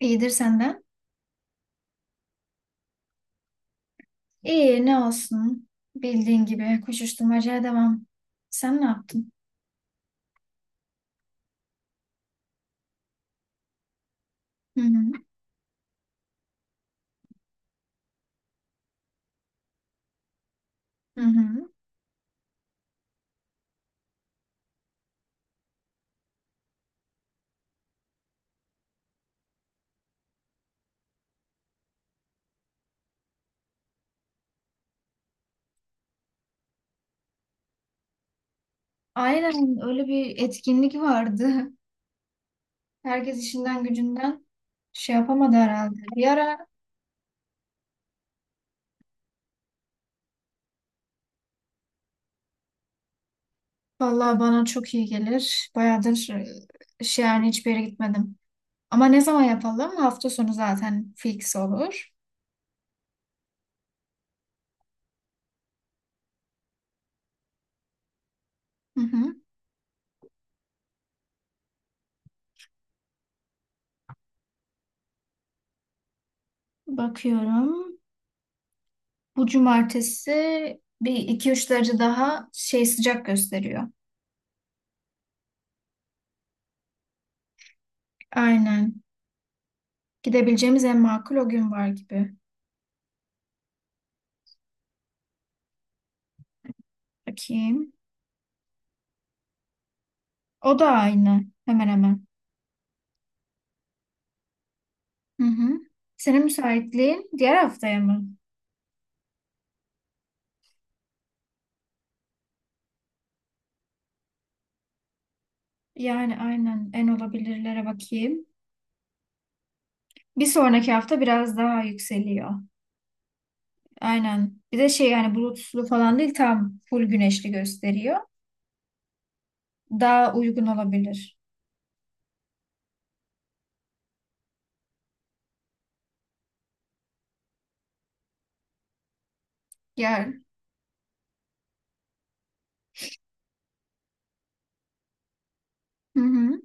İyidir senden. İyi ne olsun. Bildiğin gibi koşuşturmacaya devam. Sen ne yaptın? Hı hı. Hı hı. Aynen, öyle bir etkinlik vardı. Herkes işinden gücünden şey yapamadı herhalde. Bir ara vallahi bana çok iyi gelir. Bayağıdır şey yani hiçbir yere gitmedim. Ama ne zaman yapalım? Hafta sonu zaten fix olur. Hı hı. Bakıyorum. Bu cumartesi bir iki üç derece daha şey sıcak gösteriyor. Aynen. Gidebileceğimiz en makul o gün var gibi. Bakayım. O da aynı. Hemen hemen. Hı hı. Senin müsaitliğin diğer haftaya mı? Yani aynen en olabilirlere bakayım. Bir sonraki hafta biraz daha yükseliyor. Aynen. Bir de şey yani bulutsuzlu falan değil, tam full güneşli gösteriyor. Daha uygun olabilir. Yer. Hı hı.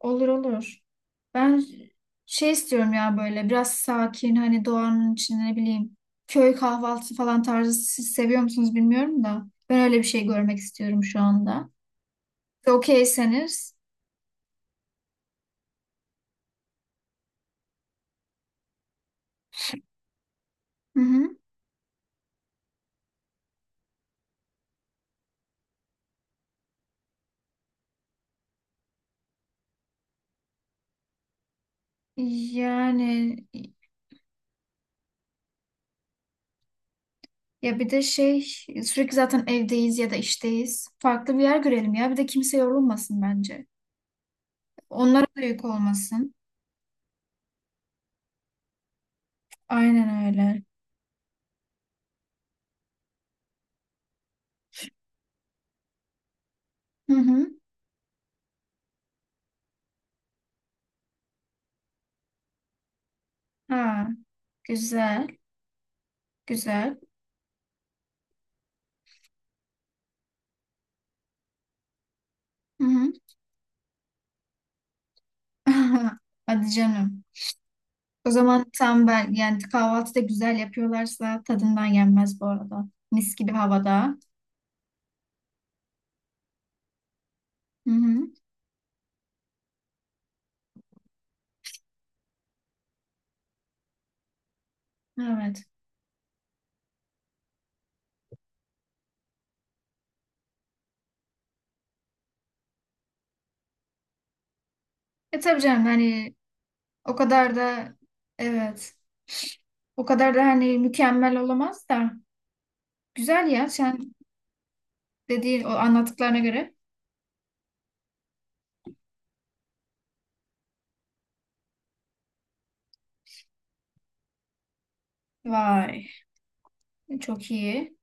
Olur olur. Ben şey istiyorum ya, böyle biraz sakin, hani doğanın içinde, ne bileyim, köy kahvaltısı falan tarzı. Siz seviyor musunuz bilmiyorum da ben öyle bir şey görmek istiyorum şu anda. Okeyseniz. Hı hı. Yani ya bir de şey, sürekli zaten evdeyiz ya da işteyiz. Farklı bir yer görelim ya. Bir de kimse yorulmasın bence. Onlara da yük olmasın. Aynen öyle. Hı hı. Ha, güzel, güzel. Hı hı. Hadi canım. O zaman tam ben yani, kahvaltı da güzel yapıyorlarsa tadından yenmez bu arada. Mis gibi havada. Hı hı. Evet. E tabii canım, hani o kadar da evet. O kadar da hani mükemmel olamaz da. Güzel ya, sen dediğin o anlattıklarına göre. Vay. Çok iyi.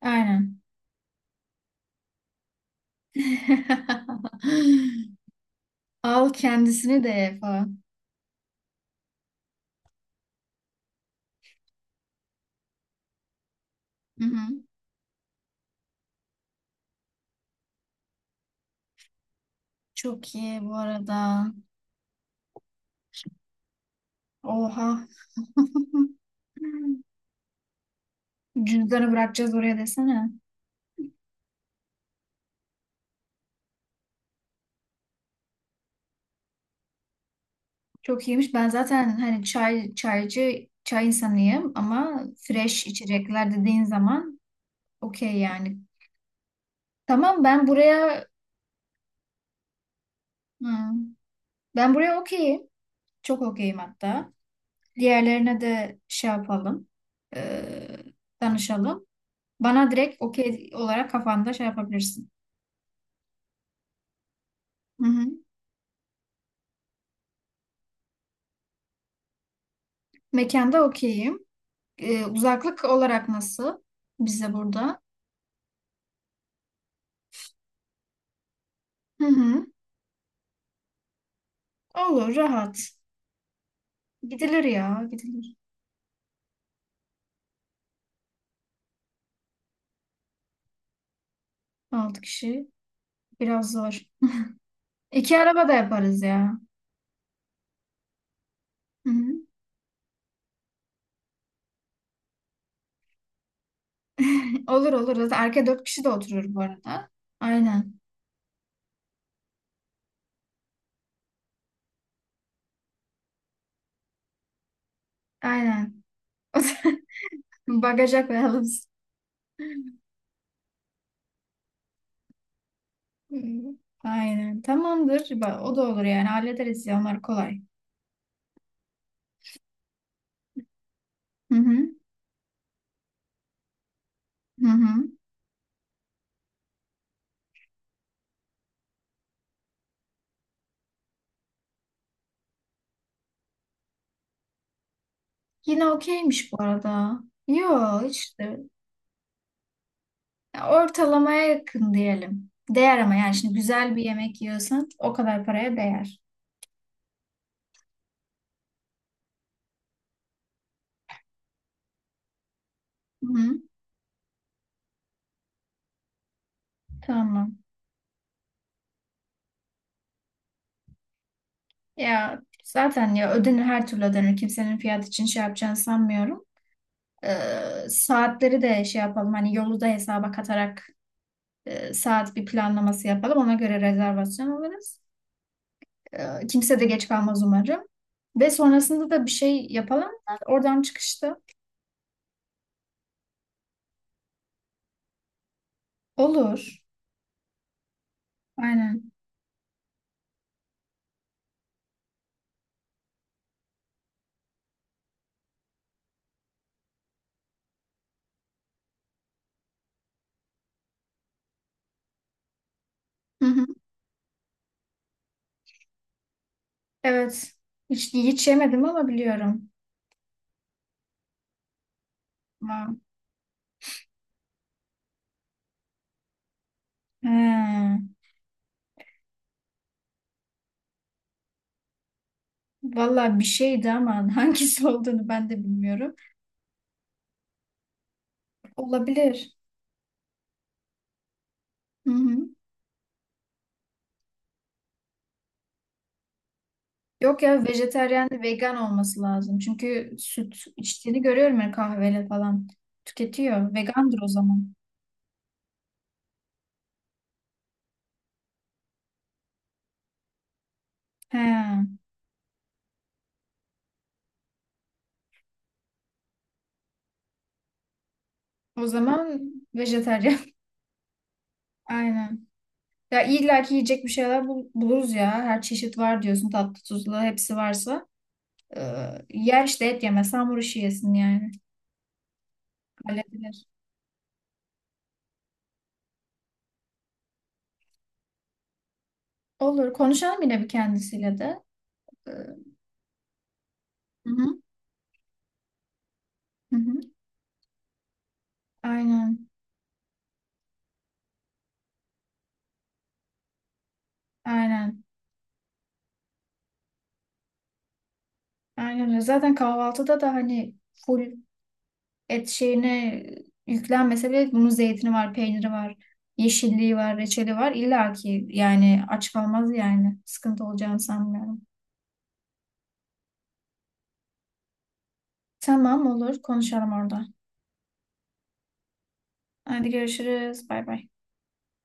Aynen. Al kendisini de falan. Hı hı. Çok iyi bu arada. Oha. Cüzdanı bırakacağız oraya desene. Çok iyiymiş. Ben zaten hani çay, çaycı, çay insanıyım ama fresh içecekler dediğin zaman okey yani. Tamam, ben buraya hı, ben buraya okeyim. Çok okeyim hatta. Diğerlerine de şey yapalım. e, Danışalım. Bana direkt okey olarak kafanda şey yapabilirsin. Hı hı. Mekanda okeyim. E, uzaklık olarak nasıl? Bize burada. Hı hı. Olur, rahat. Gidilir ya, gidilir. Altı kişi biraz zor. İki araba da yaparız ya. Hı hı. Olur olur. Zaten arka dört kişi de oturur bu arada. Aynen. Aynen. O zaman bagaja koyalım. Hı. Aynen. Tamamdır. O da olur yani. Hallederiz ya. Onlar kolay. Hı hı. Hı hı. Yine okeymiş bu arada. Yo işte. Ya, ortalamaya yakın diyelim. Değer, ama yani şimdi güzel bir yemek yiyorsan o kadar paraya değer. Hı hı. Tamam. Ya zaten ya ödenir, her türlü ödenir. Kimsenin fiyat için şey yapacağını sanmıyorum. Saatleri de şey yapalım. Hani yolu da hesaba katarak saat bir planlaması yapalım. Ona göre rezervasyon alırız. Kimse de geç kalmaz umarım. Ve sonrasında da bir şey yapalım, oradan çıkışta. Olur. Aynen. Hı hı. Evet. Hiç yemedim ama biliyorum. Ha. He. Vallahi bir şeydi ama hangisi olduğunu ben de bilmiyorum. Olabilir. Hı hı. Yok ya, vejetaryen de vegan olması lazım. Çünkü süt içtiğini görüyorum ya, kahveyle falan. Tüketiyor. Vegandır o zaman. He. O zaman vejetaryen. Aynen. Ya illa ki yiyecek bir şeyler buluruz ya. Her çeşit var diyorsun, tatlı tuzlu hepsi varsa. Ee, Yer işte, et yemez hamur işi yesin yani. Halledilir. Olur. Konuşalım yine bir kendisiyle de. Ee, hı hı. Hı hı. Aynen. Aynen. Aynen öyle. Zaten kahvaltıda da hani full et şeyine yüklenmese bile bunun zeytini var, peyniri var, yeşilliği var, reçeli var. İlla ki yani aç kalmaz yani. Sıkıntı olacağını sanmıyorum. Tamam, olur, konuşalım orada. Hadi görüşürüz. Bay bay.